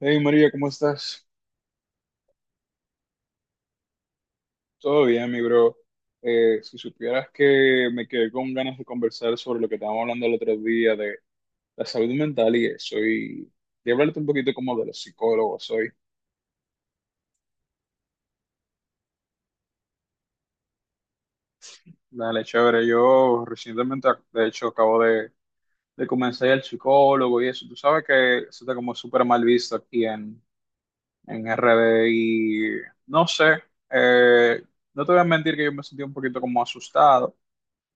Hey María, ¿cómo estás? Todo bien, mi bro. Si supieras que me quedé con ganas de conversar sobre lo que estábamos hablando el otro día de la salud mental y eso, y de hablarte un poquito como de los psicólogos soy. Dale, chévere. Yo recientemente, de hecho, de comenzar el psicólogo y eso. Tú sabes que eso está como súper mal visto en RD y no sé, eh, no te voy a mentir que yo me sentí un poquito como asustado,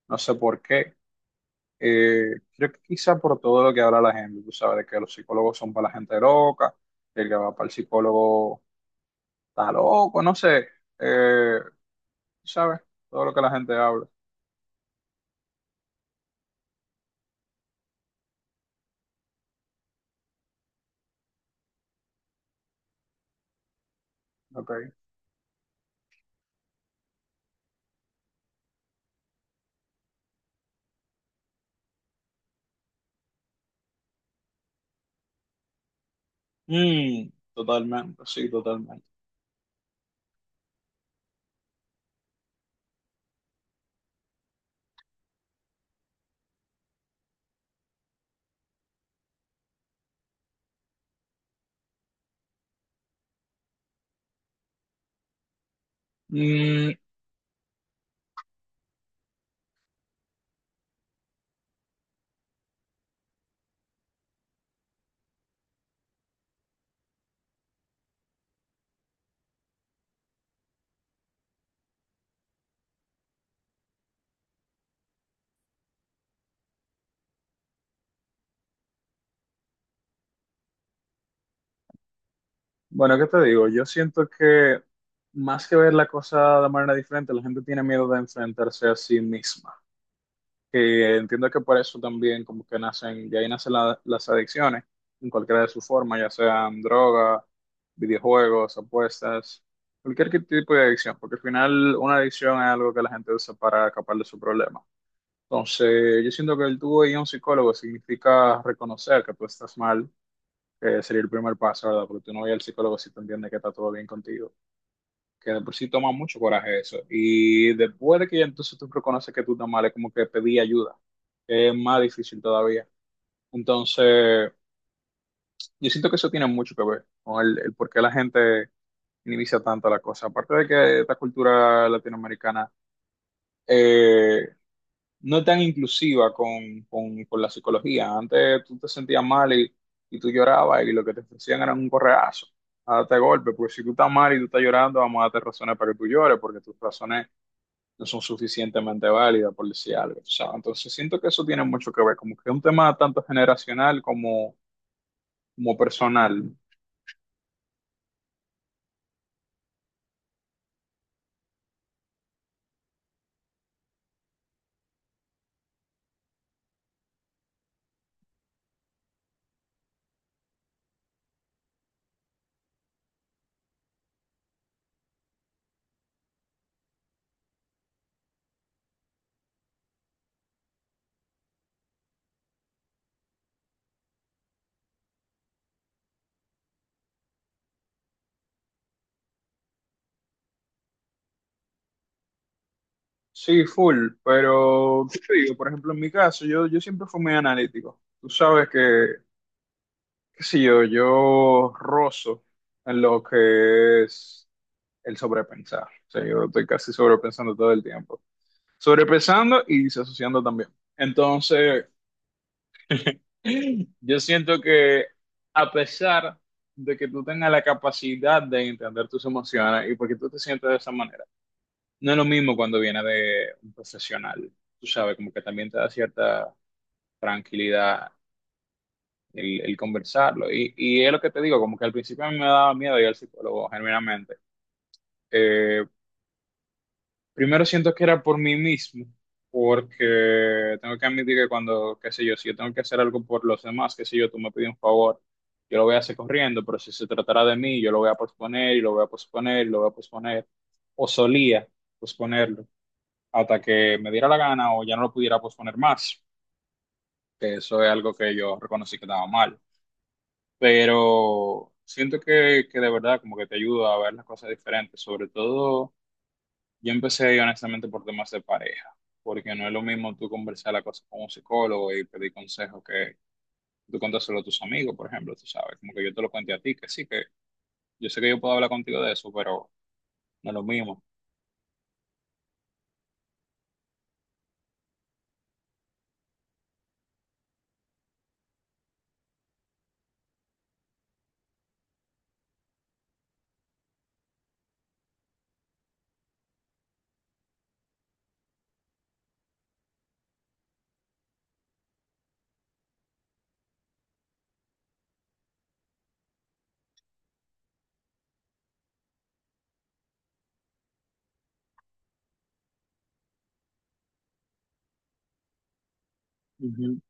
no sé por qué. Creo que quizá por todo lo que habla la gente, tú sabes, de que los psicólogos son para la gente loca, el que va para el psicólogo está loco, no sé, eh, tú sabes, todo lo que la gente habla. Ok. Mm, totalmente, sí, totalmente. Mm, bueno, ¿qué te digo? Yo siento que más que ver la cosa de manera diferente, la gente tiene miedo de enfrentarse a sí misma, que entiendo que por eso también como que nacen, de ahí nacen las adicciones en cualquiera de sus formas, ya sean droga, videojuegos, apuestas, tipo de adicción, porque al final una adicción es algo que la gente usa para escapar de su problema. Entonces, yo siento que el tú ir a un psicólogo significa reconocer que tú estás mal, que sería el primer paso, ¿verdad? Porque tú no vas al psicólogo si tú entiendes que está todo bien contigo, que de por sí toma mucho coraje eso. Y después de que ya entonces tú reconoces que tú estás mal, es como que pedí ayuda, que es más difícil todavía. Entonces, yo siento que eso tiene mucho que ver con el por qué la gente minimiza tanto la cosa. Aparte de que esta cultura latinoamericana eh, no es tan inclusiva con la psicología. Antes tú te sentías mal y tú llorabas y lo que te ofrecían era un correazo, a darte golpe, porque si tú estás mal y tú estás llorando, vamos a darte razones para que tú llores, porque tus razones no son suficientemente válidas, por decir algo. O sea, entonces siento que eso tiene mucho que ver, como que es un tema tanto generacional como personal. Sí, full, pero ¿qué te digo? Por ejemplo, en mi caso, yo siempre fui muy analítico. Tú sabes que, qué sé yo, yo rozo en lo que es el sobrepensar. O sea, yo estoy casi sobrepensando todo el tiempo. Sobrepensando y disociando también. Entonces, yo siento que a pesar de que tú tengas la capacidad de entender tus emociones y porque tú te sientes de esa manera, no es lo mismo cuando viene de un profesional. Tú sabes, como que también te da cierta tranquilidad el conversarlo. Y es lo que te digo, como que al principio a mí me daba miedo ir al psicólogo, genuinamente. Eh, Primero siento que era por mí mismo, porque tengo que admitir que cuando, qué sé yo, si yo tengo que hacer algo por los demás, qué sé yo, tú me pides un favor, yo lo voy a hacer corriendo, pero si se tratara de mí, yo lo voy a posponer y lo voy a posponer y lo voy a posponer, o solía posponerlo hasta que me diera la gana o ya no lo pudiera posponer más, que eso es algo que yo reconocí que estaba mal, pero siento que de verdad como que te ayuda a ver las cosas diferentes, sobre todo yo empecé ahí honestamente por temas de pareja, porque no es lo mismo tú conversar la cosa con un psicólogo y pedir consejos que tú contárselo a tus amigos, por ejemplo, tú sabes, como que yo te lo cuente a ti, que sí, que yo sé que yo puedo hablar contigo de eso, pero no es lo mismo. Ujú.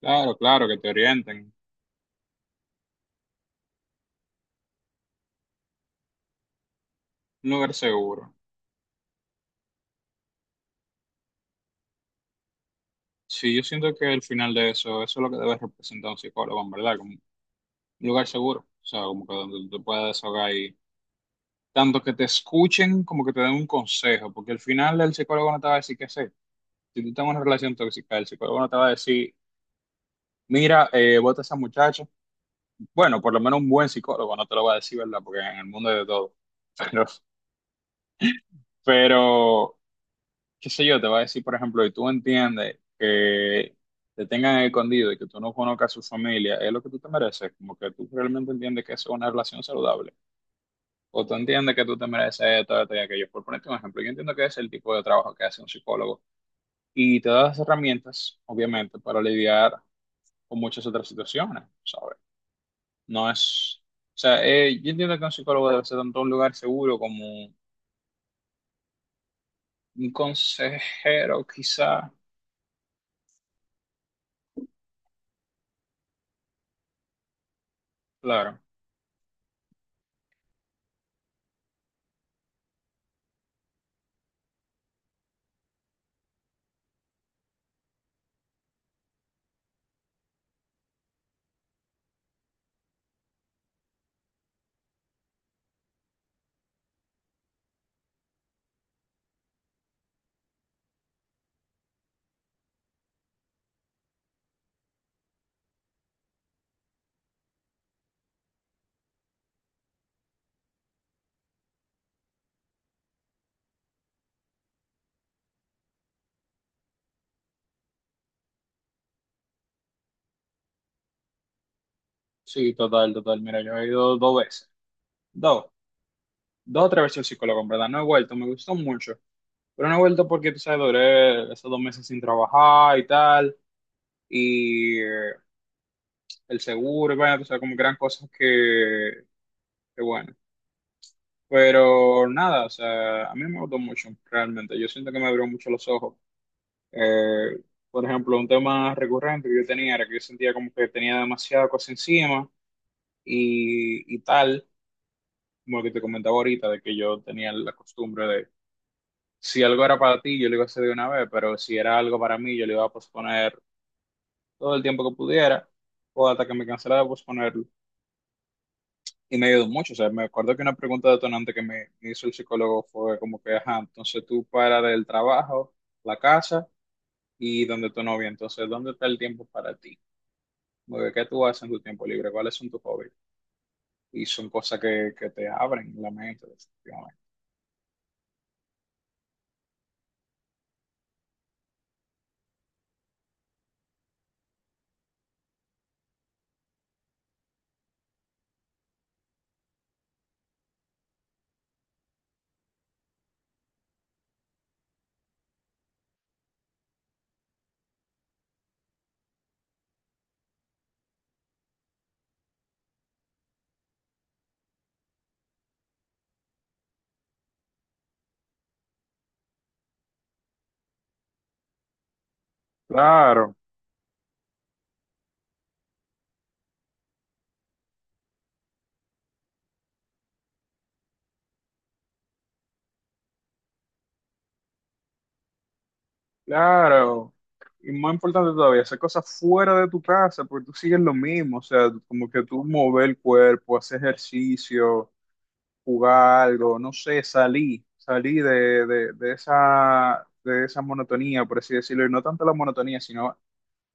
Claro, claro, que te orienten, un lugar seguro. Sí, yo siento que al final de eso, eso es lo que debe representar un psicólogo, en verdad, como un lugar seguro, o sea, como que donde tú te puedas desahogar y tanto que te escuchen como que te den un consejo, porque al final el psicólogo no te va a decir qué hacer. Si tú tienes una relación tóxica, el psicólogo no te va a decir, mira, bota a esa muchacha. Bueno, por lo menos un buen psicólogo no te lo va a decir, ¿verdad? Porque en el mundo hay de todo. Pero, pero, qué sé yo, te va a decir, por ejemplo, y tú entiendes que te tengan escondido y que tú no conozcas a su familia, es lo que tú te mereces. Como que tú realmente entiendes que eso es una relación saludable. O tú entiendes que tú te mereces esto, esto y aquello. Por ponerte un ejemplo, yo entiendo que es el tipo de trabajo que hace un psicólogo y te da las herramientas, obviamente, para lidiar o muchas otras situaciones, ¿sabes? No es, o sea, yo entiendo que un psicólogo debe ser tanto un lugar seguro como un consejero, quizá, claro, sí, total, total, mira, yo he ido dos veces, dos, dos o tres veces al psicólogo, en verdad, no he vuelto, me gustó mucho, pero no he vuelto porque, tú sabes, duré esos dos meses sin trabajar y tal, y el seguro, y bueno, tú sabes, como que eran cosas que bueno. Pero nada, o sea, a mí me gustó mucho, realmente. Yo siento que me abrió mucho los ojos. Eh, por ejemplo, un tema recurrente que yo tenía era que yo sentía como que tenía demasiada cosa encima y tal, como lo que te comentaba ahorita, de que yo tenía la costumbre de, si algo era para ti, yo lo iba a hacer de una vez, pero si era algo para mí, yo lo iba a posponer todo el tiempo que pudiera o hasta que me cansara de posponerlo. Y me ayudó mucho, o sea, me acuerdo que una pregunta detonante que me hizo el psicólogo fue como que, ajá, entonces tú para del trabajo, la casa y donde tu novia, entonces, ¿dónde está el tiempo para ti? Como que, ¿qué tú haces en tu tiempo libre? ¿Cuáles son tus hobbies? Y son cosas que te abren la mente, definitivamente. Claro, claro. Y más importante todavía, hacer cosas fuera de tu casa, porque tú sigues lo mismo, o sea, como que tú mover el cuerpo, hacer ejercicio, jugar algo, no sé, salir, salir de esa, de esa monotonía, por así decirlo, y no tanto la monotonía, sino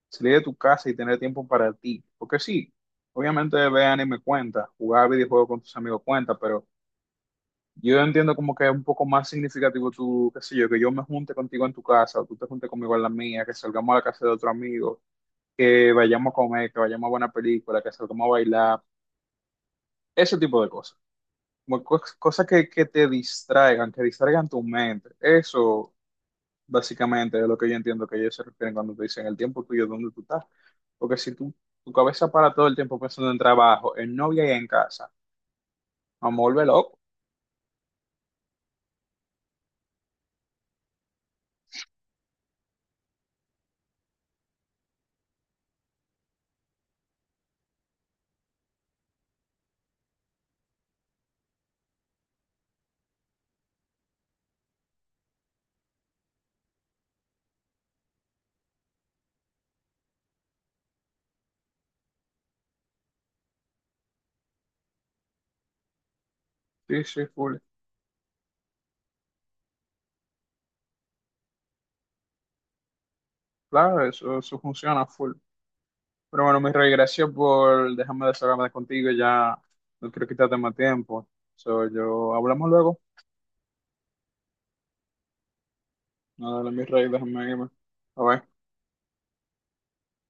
salir de tu casa y tener tiempo para ti. Porque sí, obviamente ver anime cuenta, jugar videojuegos con tus amigos cuenta, pero yo entiendo como que es un poco más significativo tú, qué sé yo, que yo me junte contigo en tu casa, o tú te juntes conmigo en la mía, que salgamos a la casa de otro amigo, que vayamos a comer, que vayamos a buena película, que salgamos a bailar, ese tipo de cosas. Como cosas que te distraigan, que distraigan tu mente. Eso básicamente es lo que yo entiendo que ellos se refieren cuando te dicen el tiempo tuyo, dónde tú estás. Porque si tú, tu cabeza para todo el tiempo pensando en trabajo, en novia y en casa, vamos a volver loco. Sí, sí, full. Claro, eso funciona full. Pero bueno, mi rey, gracias por dejarme desahogarme contigo. Ya no quiero quitarte más tiempo. So, yo hablamos luego. Nada, mi rey, déjame irme. Bye, bye.